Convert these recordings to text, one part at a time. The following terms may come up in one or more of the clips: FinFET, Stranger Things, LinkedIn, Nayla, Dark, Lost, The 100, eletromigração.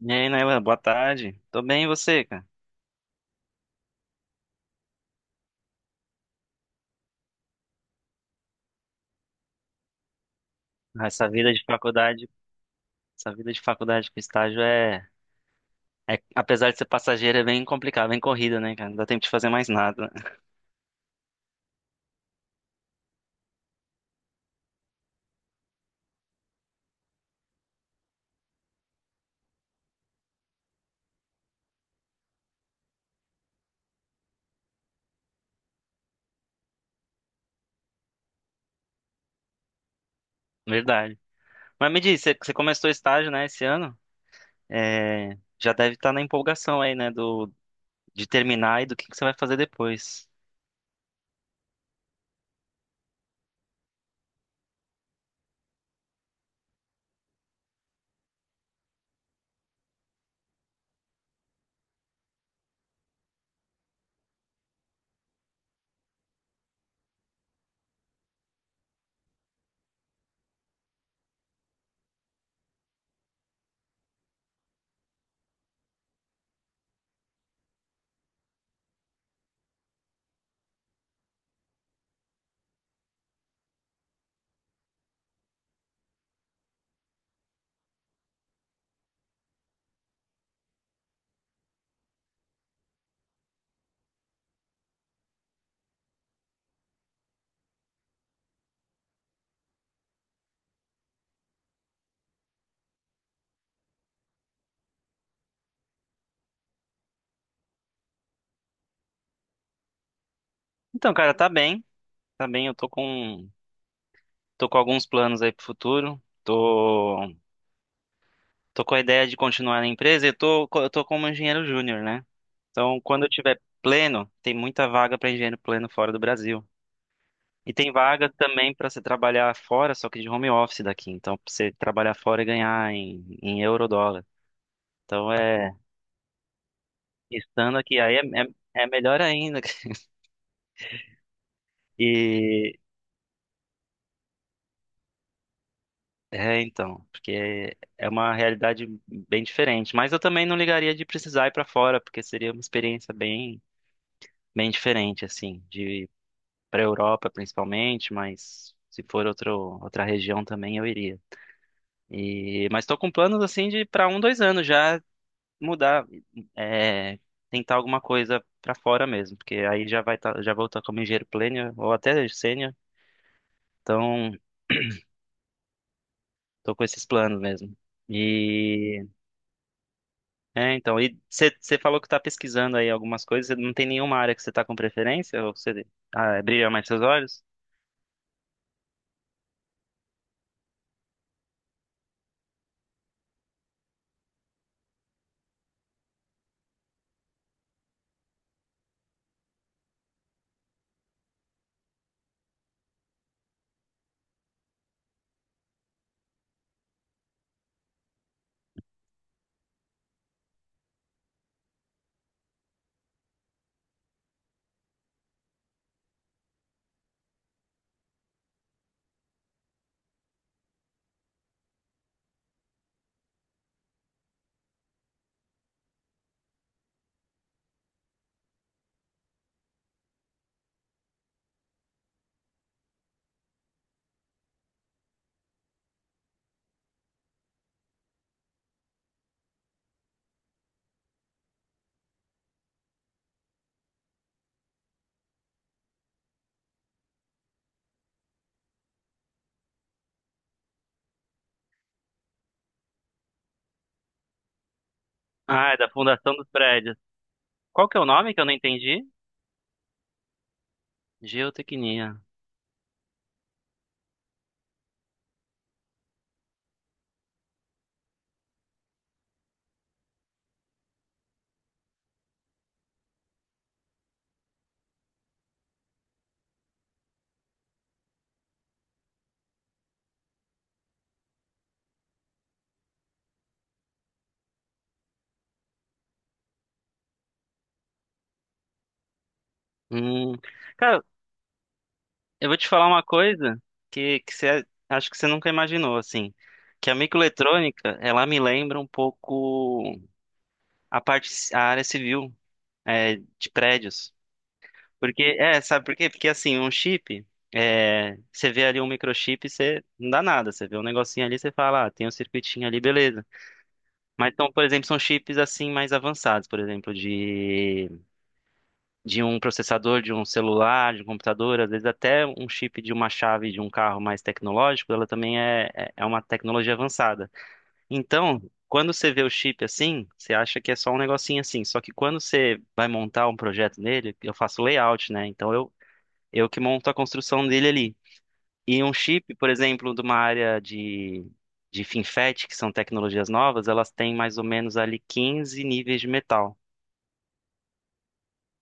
E aí, Nayla, boa tarde. Tô bem, e você, cara? Ah, Essa vida de faculdade, essa vida de faculdade com estágio apesar de ser passageira, é bem complicado, bem corrida, né, cara? Não dá tempo de fazer mais nada, né? Verdade. Mas me diz, você começou estágio, né, esse ano? É, já deve estar na empolgação aí, né, de terminar e que você vai fazer depois. Então, cara, tá bem. Eu tô com alguns planos aí pro futuro. Tô com a ideia de continuar na empresa e eu eu tô como engenheiro júnior, né? Então, quando eu tiver pleno, tem muita vaga para engenheiro pleno fora do Brasil. E tem vaga também para você trabalhar fora, só que de home office daqui. Então, pra você trabalhar fora e ganhar em euro dólar. Então, estando aqui, é melhor ainda. E, então, porque é uma realidade bem diferente. Mas eu também não ligaria de precisar ir para fora, porque seria uma experiência bem diferente, assim, para a Europa principalmente, mas se for outra região também eu iria. E, mas estou com planos assim de para um, dois anos já mudar, é, tentar alguma coisa para fora mesmo, porque aí já vai tá, já vou estar como engenheiro pleno ou até sênior, então estou com esses planos mesmo. E e você falou que está pesquisando aí algumas coisas, cê não tem nenhuma área que você está com preferência? Ou você, brilha mais seus olhos? Ah, é da fundação dos prédios. Qual que é o nome que eu não entendi? Geotecnia. Hum. Cara, eu vou te falar uma coisa que você, acho que você nunca imaginou, assim, que a microeletrônica, ela me lembra um pouco a área civil, é, de prédios. Porque, é, sabe por quê? Porque, assim, um chip, é, você vê ali um microchip, você não dá nada, você vê um negocinho ali, você fala, ah, tem um circuitinho ali, beleza. Mas, então, por exemplo, são chips, assim, mais avançados, por exemplo, de um processador, de um celular, de um computador, às vezes até um chip de uma chave de um carro mais tecnológico, ela também é uma tecnologia avançada. Então, quando você vê o chip assim, você acha que é só um negocinho assim. Só que quando você vai montar um projeto nele, eu faço layout, né? Eu que monto a construção dele ali. E um chip, por exemplo, de uma área de FinFET, que são tecnologias novas, elas têm mais ou menos ali 15 níveis de metal.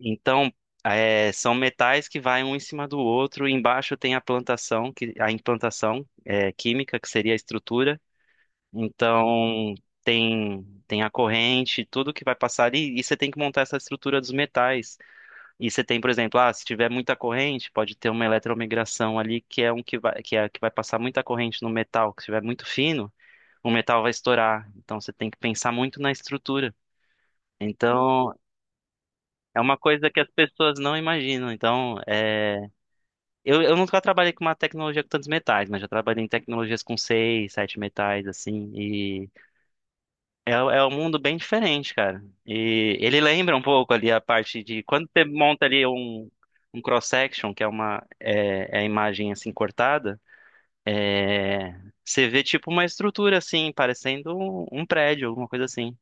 Então, é, são metais que vai um em cima do outro. Embaixo tem a plantação, a implantação é, química, que seria a estrutura. Então, tem a corrente, tudo que vai passar ali. E você tem que montar essa estrutura dos metais. E você tem, por exemplo, ah, se tiver muita corrente, pode ter uma eletromigração ali, que é um que vai, que é, que vai passar muita corrente no metal. Se tiver muito fino, o metal vai estourar. Então, você tem que pensar muito na estrutura. Então, é uma coisa que as pessoas não imaginam. Então, é, eu nunca trabalhei com uma tecnologia com tantos metais, mas já trabalhei em tecnologias com seis, sete metais, assim, e é, é um mundo bem diferente, cara. E ele lembra um pouco ali a parte de quando você monta ali um cross-section, que é é a imagem assim cortada, é, você vê tipo uma estrutura assim, parecendo um prédio, alguma coisa assim.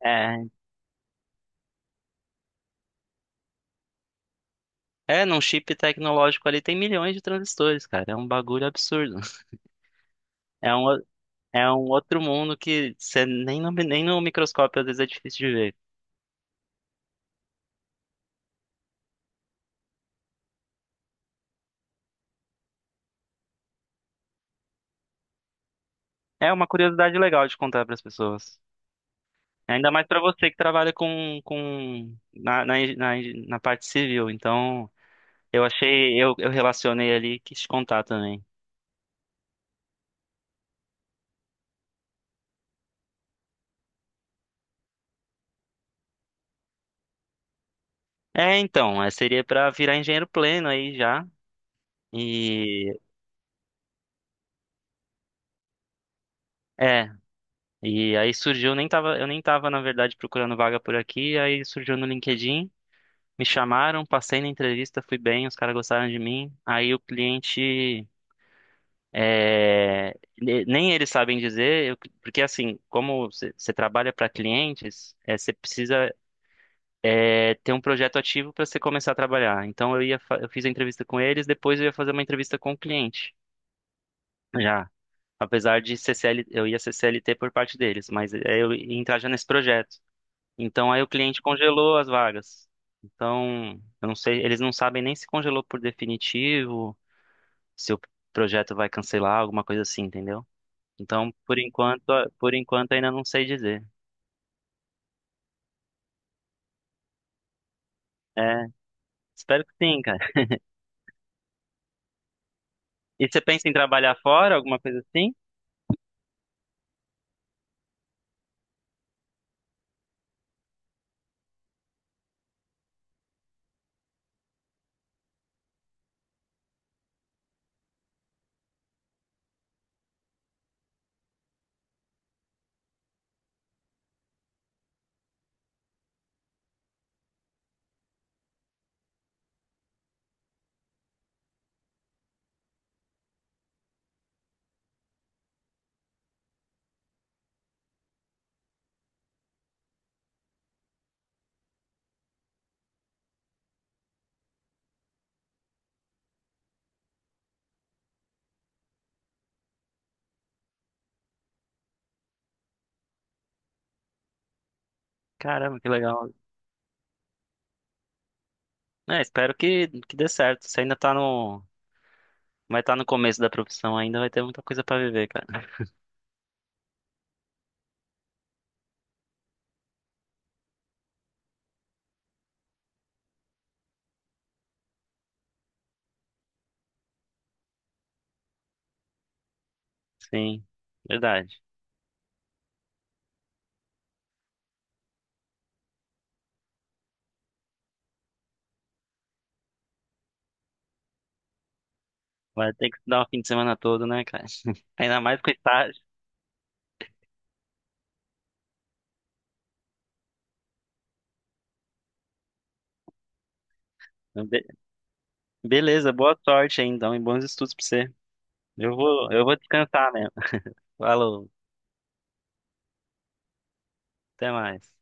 É, é, É, num chip tecnológico ali tem milhões de transistores, cara. É um bagulho absurdo. É um, É um outro mundo que você nem nem no microscópio às vezes é difícil de ver. É uma curiosidade legal de contar para as pessoas. Ainda mais para você que trabalha com na, na, eng- na eng- na parte civil. Então, eu relacionei ali e quis contar também. É, então, é, seria para virar engenheiro pleno aí já. E é, e aí surgiu, nem tava, eu nem tava na verdade procurando vaga por aqui, aí surgiu no LinkedIn. Me chamaram, passei na entrevista, fui bem, os caras gostaram de mim. Aí o cliente, é, ne- nem eles sabem dizer, eu- porque assim, como você trabalha para clientes, é, você precisa é, ter um projeto ativo para você começar a trabalhar. Então eu fiz a entrevista com eles, depois eu ia fazer uma entrevista com o cliente, já. Apesar de CCL, eu ia ser CLT por parte deles, mas é, eu ia entrar já nesse projeto. Então aí o cliente congelou as vagas. Então, eu não sei, eles não sabem nem se congelou por definitivo, se o projeto vai cancelar, alguma coisa assim, entendeu? Então, por enquanto ainda não sei dizer. É, espero que sim, cara. E você pensa em trabalhar fora, alguma coisa assim? Caramba, que legal. É, espero que dê certo. Você ainda tá no, vai estar no começo da profissão ainda, vai ter muita coisa pra viver, cara. Sim, verdade. Vai ter que dar um fim de semana todo, né, cara? Ainda mais com estágio. Beleza, boa sorte aí, então, e bons estudos pra você. Eu vou descansar mesmo. Falou, até mais.